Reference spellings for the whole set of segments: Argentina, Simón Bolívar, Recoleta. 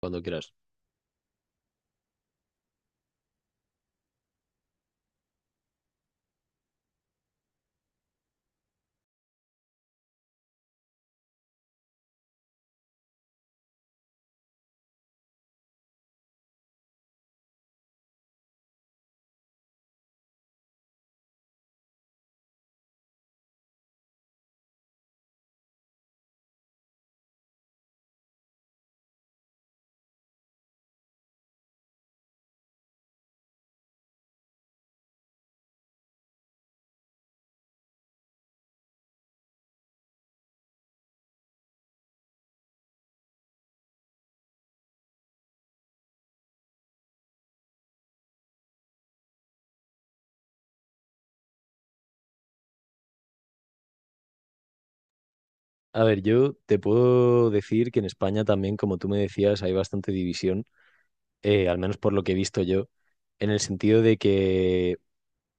Cuando quieras. A ver, yo te puedo decir que en España también, como tú me decías, hay bastante división, al menos por lo que he visto yo, en el sentido de que,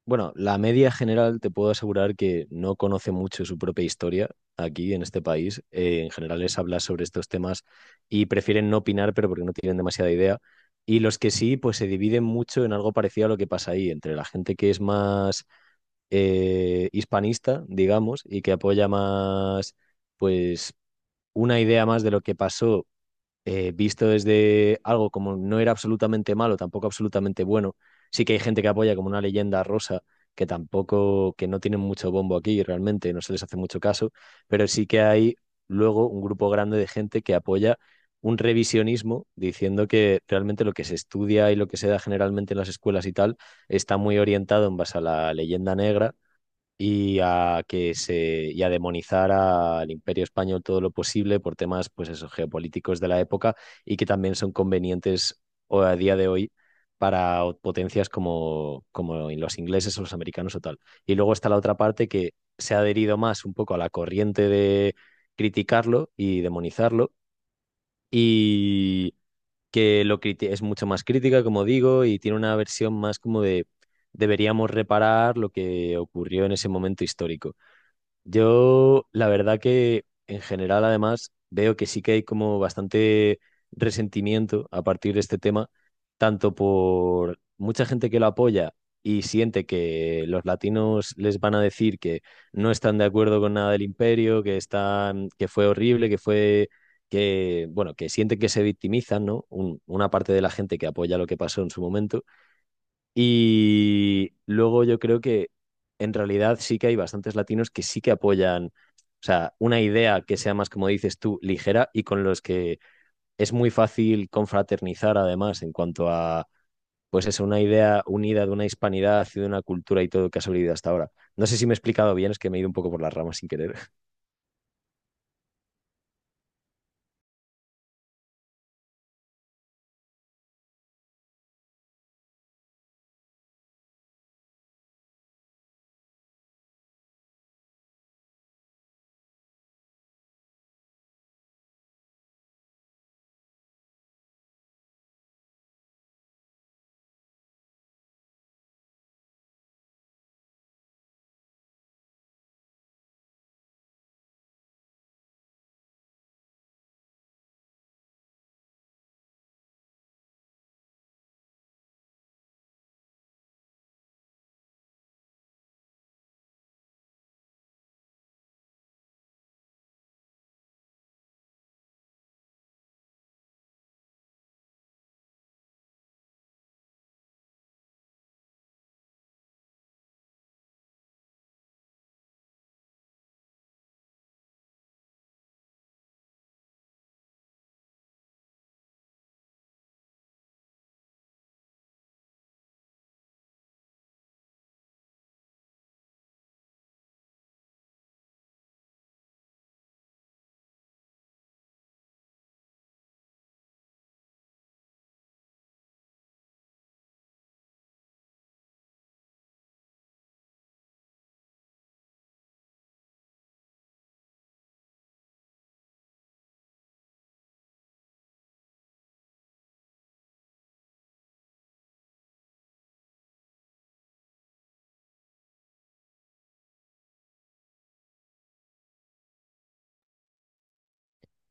bueno, la media general te puedo asegurar que no conoce mucho su propia historia aquí en este país. En general les habla sobre estos temas y prefieren no opinar, pero porque no tienen demasiada idea. Y los que sí, pues se dividen mucho en algo parecido a lo que pasa ahí, entre la gente que es más hispanista, digamos, y que apoya más pues una idea más de lo que pasó, visto desde algo como no era absolutamente malo, tampoco absolutamente bueno. Sí que hay gente que apoya como una leyenda rosa, que tampoco, que no tienen mucho bombo aquí realmente, no se les hace mucho caso, pero sí que hay luego un grupo grande de gente que apoya un revisionismo diciendo que realmente lo que se estudia y lo que se da generalmente en las escuelas y tal está muy orientado en base a la leyenda negra y a que se y a demonizar al Imperio Español todo lo posible por temas, pues eso, geopolíticos de la época y que también son convenientes a día de hoy para potencias como, los ingleses o los americanos o tal. Y luego está la otra parte que se ha adherido más un poco a la corriente de criticarlo y demonizarlo y es mucho más crítica, como digo, y tiene una versión más como de deberíamos reparar lo que ocurrió en ese momento histórico. Yo, la verdad que en general, además, veo que sí que hay como bastante resentimiento a partir de este tema, tanto por mucha gente que lo apoya y siente que los latinos les van a decir que no están de acuerdo con nada del imperio, que están, que fue horrible, que, bueno, que sienten que se victimizan, ¿no? Una parte de la gente que apoya lo que pasó en su momento. Y luego yo creo que en realidad sí que hay bastantes latinos que sí que apoyan, o sea, una idea que sea más, como dices tú, ligera, y con los que es muy fácil confraternizar, además, en cuanto a, pues, es una idea unida de una hispanidad y de una cultura y todo que ha sobrevivido hasta ahora. No sé si me he explicado bien, es que me he ido un poco por las ramas sin querer.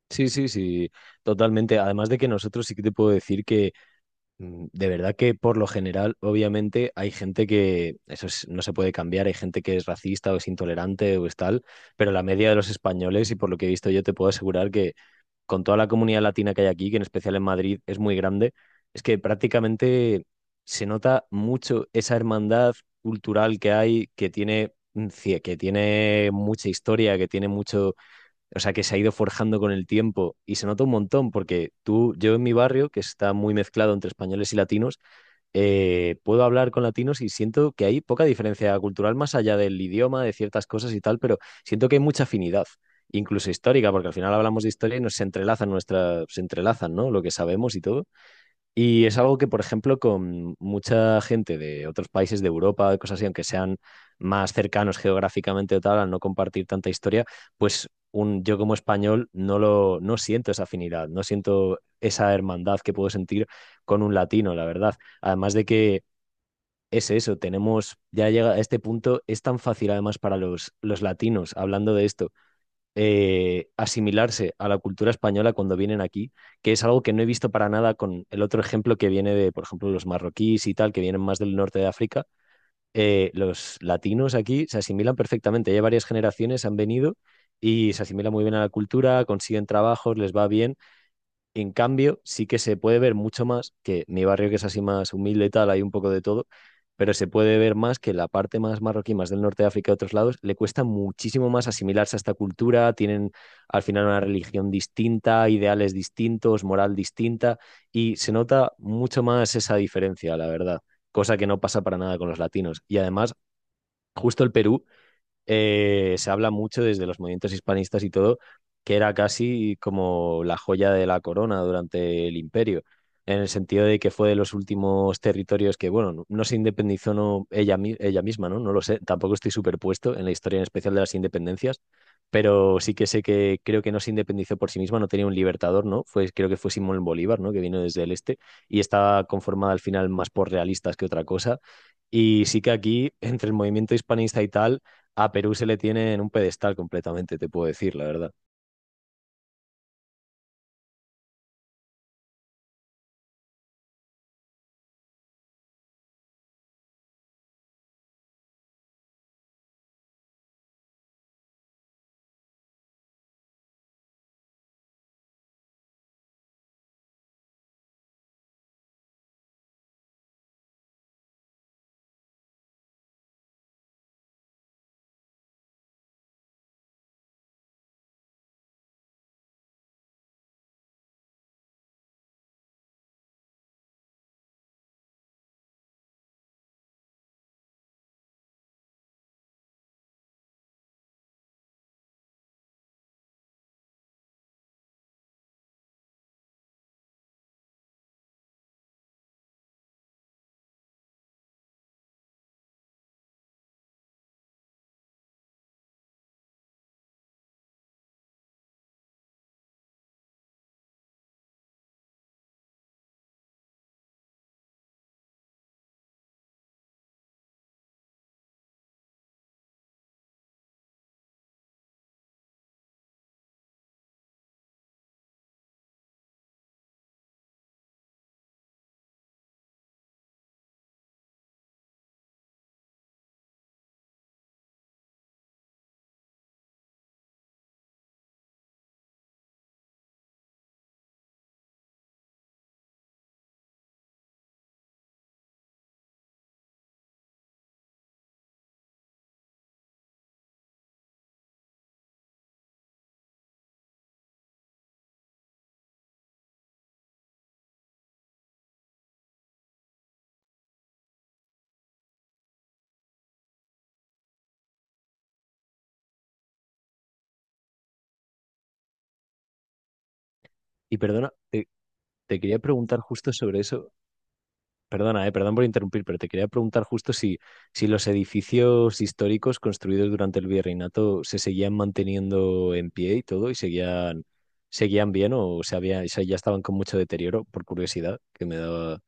Sí, sí, sí, totalmente. Además de que nosotros sí que te puedo decir que de verdad que por lo general, obviamente, hay gente que no se puede cambiar, hay gente que es racista o es intolerante o es tal, pero la media de los españoles, y por lo que he visto yo, te puedo asegurar que con toda la comunidad latina que hay aquí, que en especial en Madrid es muy grande, es que prácticamente se nota mucho esa hermandad cultural que hay, que tiene, que tiene mucha historia, que tiene mucho, o sea, que se ha ido forjando con el tiempo y se nota un montón porque tú, yo en mi barrio, que está muy mezclado entre españoles y latinos, puedo hablar con latinos y siento que hay poca diferencia cultural más allá del idioma, de ciertas cosas y tal, pero siento que hay mucha afinidad, incluso histórica, porque al final hablamos de historia y nos se entrelazan nuestras, se entrelazan, ¿no? Lo que sabemos y todo. Y es algo que, por ejemplo, con mucha gente de otros países de Europa, de cosas así, aunque sean más cercanos geográficamente o tal, al no compartir tanta historia, pues yo como español no siento esa afinidad, no siento esa hermandad que puedo sentir con un latino, la verdad. Además de que es eso, tenemos, ya llega a este punto, es tan fácil además para los latinos, hablando de esto, asimilarse a la cultura española cuando vienen aquí, que es algo que no he visto para nada con el otro ejemplo que viene de, por ejemplo, los marroquíes y tal, que vienen más del norte de África. Los latinos aquí se asimilan perfectamente, ya varias generaciones han venido y se asimilan muy bien a la cultura, consiguen trabajos, les va bien. En cambio, sí que se puede ver mucho más que mi barrio, que es así más humilde y tal, hay un poco de todo, pero se puede ver más que la parte más marroquí, más del norte de África, y otros lados, le cuesta muchísimo más asimilarse a esta cultura, tienen al final una religión distinta, ideales distintos, moral distinta, y se nota mucho más esa diferencia, la verdad, cosa que no pasa para nada con los latinos. Y además, justo el Perú, se habla mucho desde los movimientos hispanistas y todo, que era casi como la joya de la corona durante el imperio, en el sentido de que fue de los últimos territorios que, bueno, no, no se independizó, no, ella, ella misma, ¿no? No lo sé, tampoco estoy superpuesto en la historia en especial de las independencias, pero sí que sé que creo que no se independizó por sí misma, no tenía un libertador, ¿no? Fue, creo que fue Simón Bolívar, ¿no? Que vino desde el este y estaba conformada al final más por realistas que otra cosa. Y sí que aquí, entre el movimiento hispanista y tal, a Perú se le tiene en un pedestal completamente, te puedo decir, la verdad. Y perdona, te quería preguntar justo sobre eso. Perdona, perdón por interrumpir, pero te quería preguntar justo si, si los edificios históricos construidos durante el virreinato se seguían manteniendo en pie y todo, y seguían, seguían bien, o se había, ya estaban con mucho deterioro, por curiosidad, que me daba.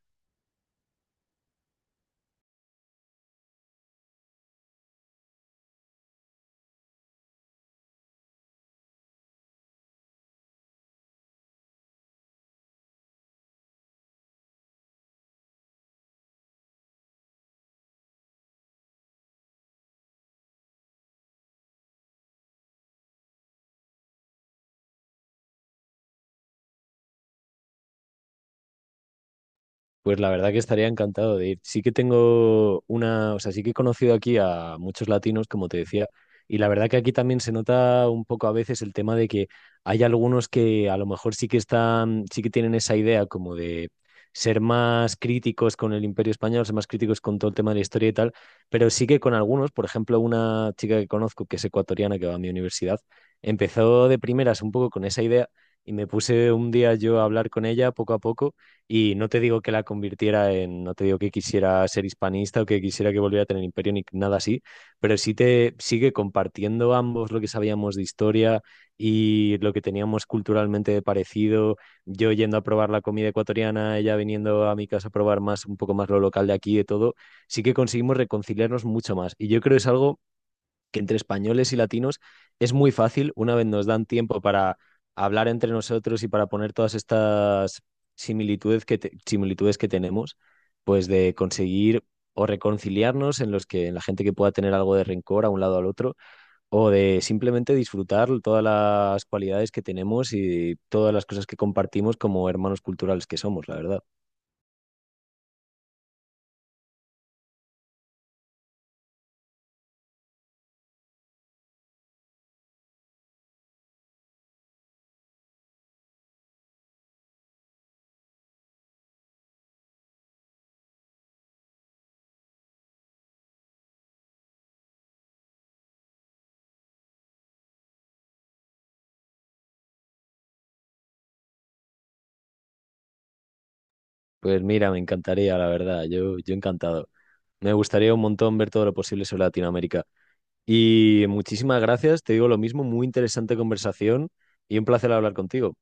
Pues la verdad que estaría encantado de ir. Sí que tengo una, o sea, sí que he conocido aquí a muchos latinos, como te decía, y la verdad que aquí también se nota un poco a veces el tema de que hay algunos que a lo mejor sí que están, sí que tienen esa idea como de ser más críticos con el Imperio Español, ser más críticos con todo el tema de la historia y tal, pero sí que con algunos, por ejemplo, una chica que conozco que es ecuatoriana que va a mi universidad, empezó de primeras un poco con esa idea y me puse un día yo a hablar con ella poco a poco. Y no te digo que la convirtiera en, no te digo que quisiera ser hispanista o que quisiera que volviera a tener imperio ni nada así, pero sí te sigue compartiendo ambos lo que sabíamos de historia y lo que teníamos culturalmente de parecido, yo yendo a probar la comida ecuatoriana, ella viniendo a mi casa a probar más, un poco más lo local de aquí, de todo, sí que conseguimos reconciliarnos mucho más. Y yo creo que es algo que entre españoles y latinos es muy fácil, una vez nos dan tiempo para hablar entre nosotros y para poner todas estas similitudes que tenemos, pues de conseguir o reconciliarnos en los que en la gente que pueda tener algo de rencor a un lado al otro, o de simplemente disfrutar todas las cualidades que tenemos y todas las cosas que compartimos como hermanos culturales que somos, la verdad. Pues mira, me encantaría, la verdad, yo encantado. Me gustaría un montón ver todo lo posible sobre Latinoamérica. Y muchísimas gracias, te digo lo mismo, muy interesante conversación y un placer hablar contigo.